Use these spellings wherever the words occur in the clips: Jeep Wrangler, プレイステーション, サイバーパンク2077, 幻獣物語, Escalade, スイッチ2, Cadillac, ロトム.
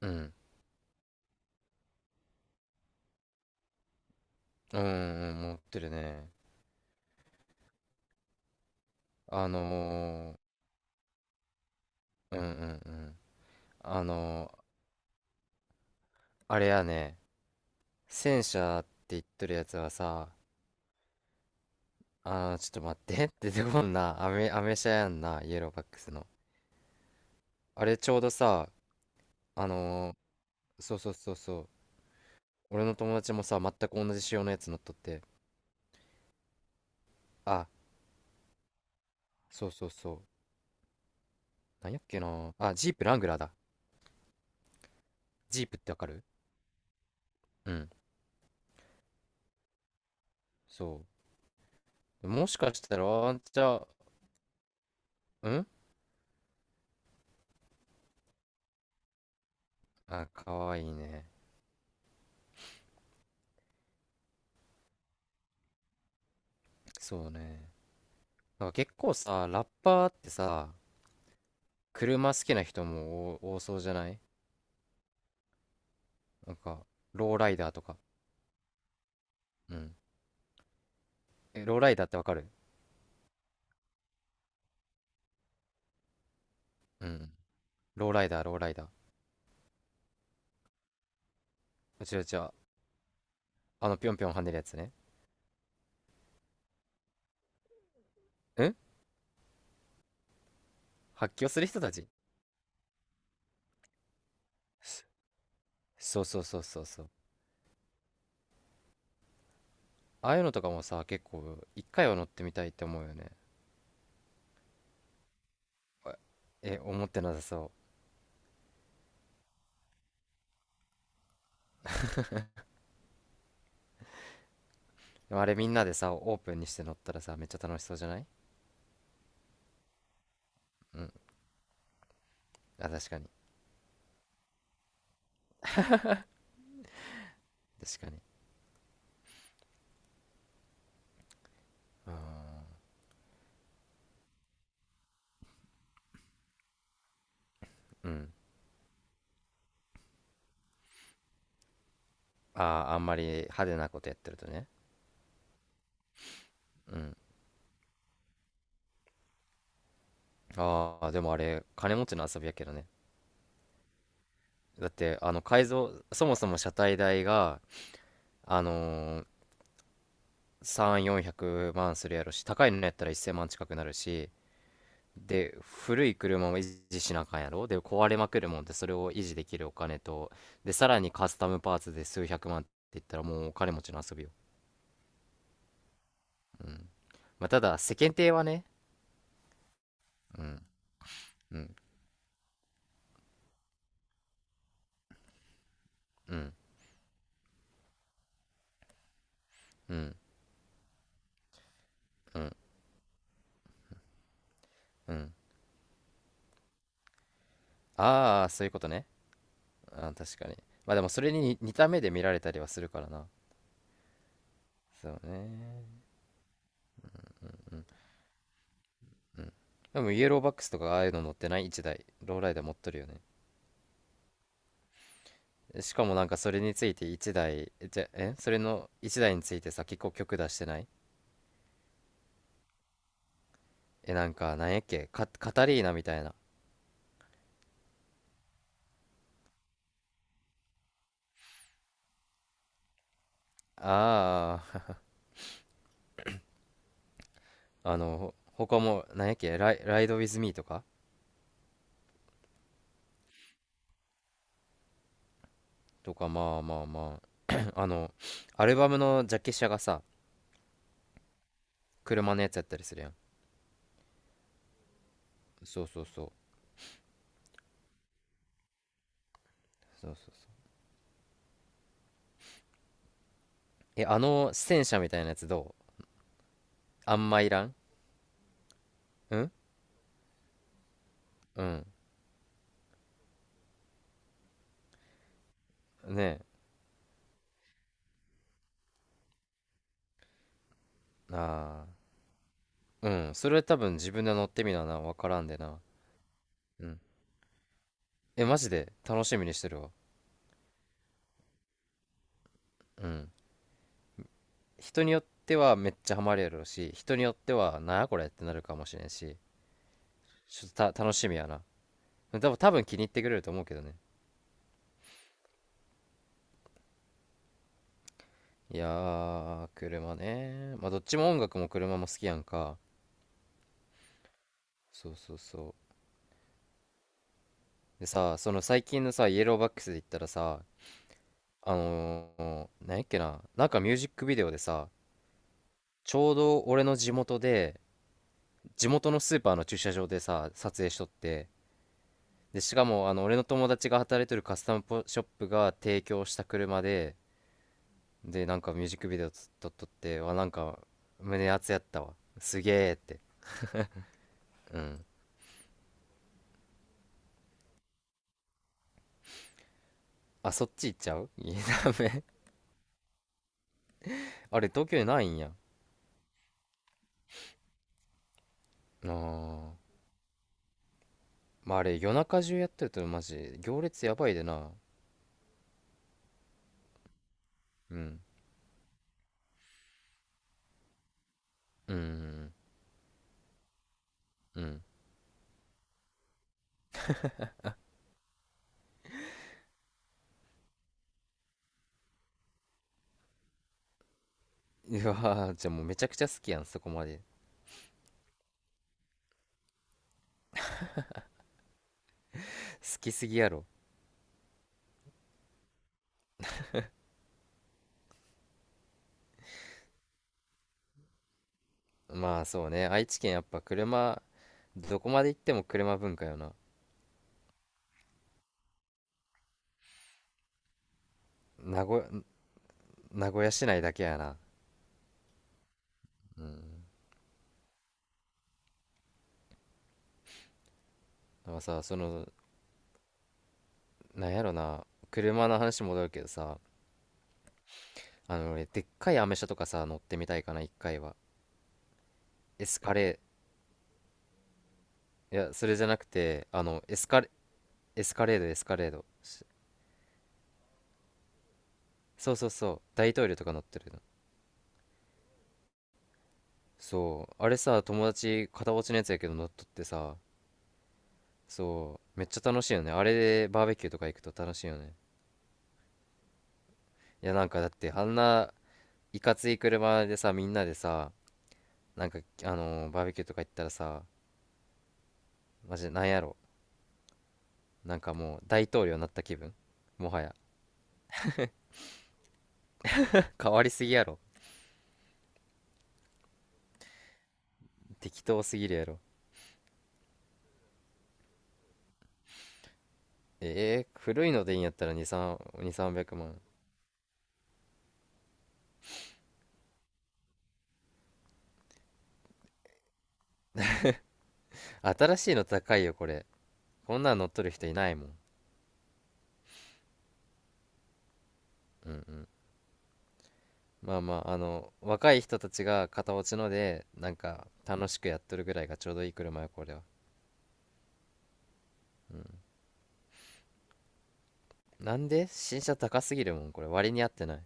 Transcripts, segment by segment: うん。うんうんうん持ってるね。あのうんうんうん。あのー、あれやね、戦車って言っとるやつはさ、ちょっと待って 出てこんな、アメ車やんな、イエローバックスの。あれちょうどさ、あのそうそうそうそう、俺の友達もさ、全く同じ仕様のやつ乗っとって、あ、そうそうそう、なんやっけな、あ、ジープラングラーだ。ジープってわかる？うん、そう。もしかしたら、あんちゃ、うん。あ、かわいいね。そうね。なんか結構さ、ラッパーってさ、車好きな人も多多そうじゃない？なんか、ローライダーとか。うん。え、ローライダーってわかる？うん。ローライダー、ローライダー。うちは、ぴょんぴょん跳ねるやつね。うん。発狂する人たち。そうそうそうそうそう。ああいうのとかもさ、結構、一回は乗ってみたいって思うよね。え、思ってなさそう。でもあれみんなでさ、オープンにして乗ったらさ、めっちゃ楽しそうじゃない？うん。あ、確かに。確かに。あー、うん。ああ、あんまり派手なことやってるとね。うん。ああ、でもあれ、金持ちの遊びやけどね。だって、改造、そもそも車体代が、あのー、3、400万するやろし、高いのやったら1000万近くなるし、で、古い車も維持しなあかんやろ。で、壊れまくるもんで、それを維持できるお金と、で、さらにカスタムパーツで数百万って言ったら、もうお金持ちの遊びよ。うん。まあ、ただ、世間体はね、うん、うん、うん、うん、うん、うん。ああ、そういうことね。確かに。まあでもそれに似た目で見られたりはするからな。そうね。でもイエローバックスとかああいうの乗ってない、1台ローライダー持っとるよね。しかもなんかそれについて1台じゃえそれの1台についてさ、結構曲出してない？なんか、なんやっけ、カタリーナみたいな。ああ。 あのほ他もなんやっけ、ライド・ウィズ・ミーとか。とか、まあまあまあ。 あのアルバムのジャケ写がさ、車のやつやったりするやん。そうそうそうそうそうそう。え、あの戦車みたいなやつどう？あんまいらん。うんうん。ねえ。ああ。うん。それ多分自分で乗ってみなな。わからんでな。うん。え、マジで楽しみにしてるわ。うん。人によってはめっちゃハマるやろうし、人によっては、なあこれってなるかもしれんし、ちょっと楽しみやな。多分気に入ってくれると思うけどね。いやー、車ね。まあ、どっちも音楽も車も好きやんか。そうそうそう。でさ、その最近のさ、イエローバックスで言ったらさ、あのなんやっけな、なんかミュージックビデオでさ、ちょうど俺の地元で、地元のスーパーの駐車場でさ、撮影しとって、で、しかも、俺の友達が働いてるカスタムポショップが提供した車で、で、なんかミュージックビデオ撮っとって、わ、なんか、胸熱やったわ。すげえって。うん。あ、そっち行っちゃう。いや、ダメ。あれ、東京にないんや。あー。まあ、あれ、夜中中やってると、マジ、行列やばいでな。うん。うん。うん。うん。うわー、じゃあもうめちゃくちゃ好きやん、そこまで。好きすぎやろ。まあそうね、愛知県やっぱ車、どこまで行っても車文化よな。名古屋、名古屋市内だけやな。うん。でもさ、その、なんやろな、車の話戻るけどさ、俺、でっかいアメ車とかさ、乗ってみたいかな、一回は。エスカレー、いや、それじゃなくて、エスカレード、エスカレード。そうそうそう、大統領とか乗ってるの。そう、あれさ、友達、片落ちのやつやけど乗っとってさ、そう、めっちゃ楽しいよね。あれでバーベキューとか行くと楽しいよね。いや、なんかだってあんないかつい車でさ、みんなでさ、なんかバーベキューとか行ったらさ、マジでなんやろ、なんかもう大統領になった気分、もはや。 変わりすぎやろ。適当すぎるやろ。古いのでいいんやったら2 3 2 3 0 0万。新しいの高いよ、これ。こんなん乗っとる人いないもん。うんうん。まあまあ、あの若い人たちが片落ちのでなんか楽しくやっとるぐらいがちょうどいい車よ、これは。なんで新車高すぎるもん、これ。割に合ってない。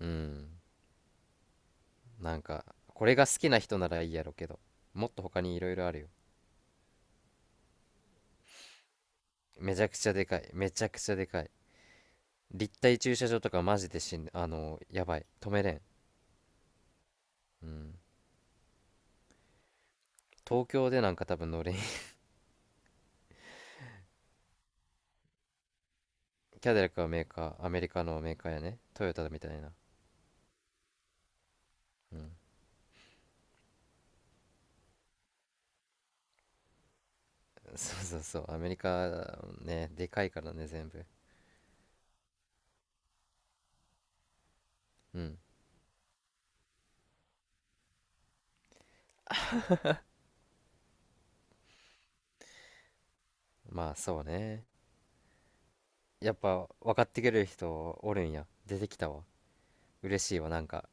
うん。なんかこれが好きな人ならいいやろけど、もっと他にいろいろあるよ。めちゃくちゃでかい、めちゃくちゃでかい。立体駐車場とかマジで、しんあのやばい、止めれん。うん。東京でなんか多分乗れん。 キャデラックはメーカー、アメリカのメーカーやね、トヨタみたいな。うん。そうそうそう、アメリカね、でかいからね全部。うん。まあそうね。やっぱ分かってくれる人おるんや、出てきたわ。嬉しいわ、なんか。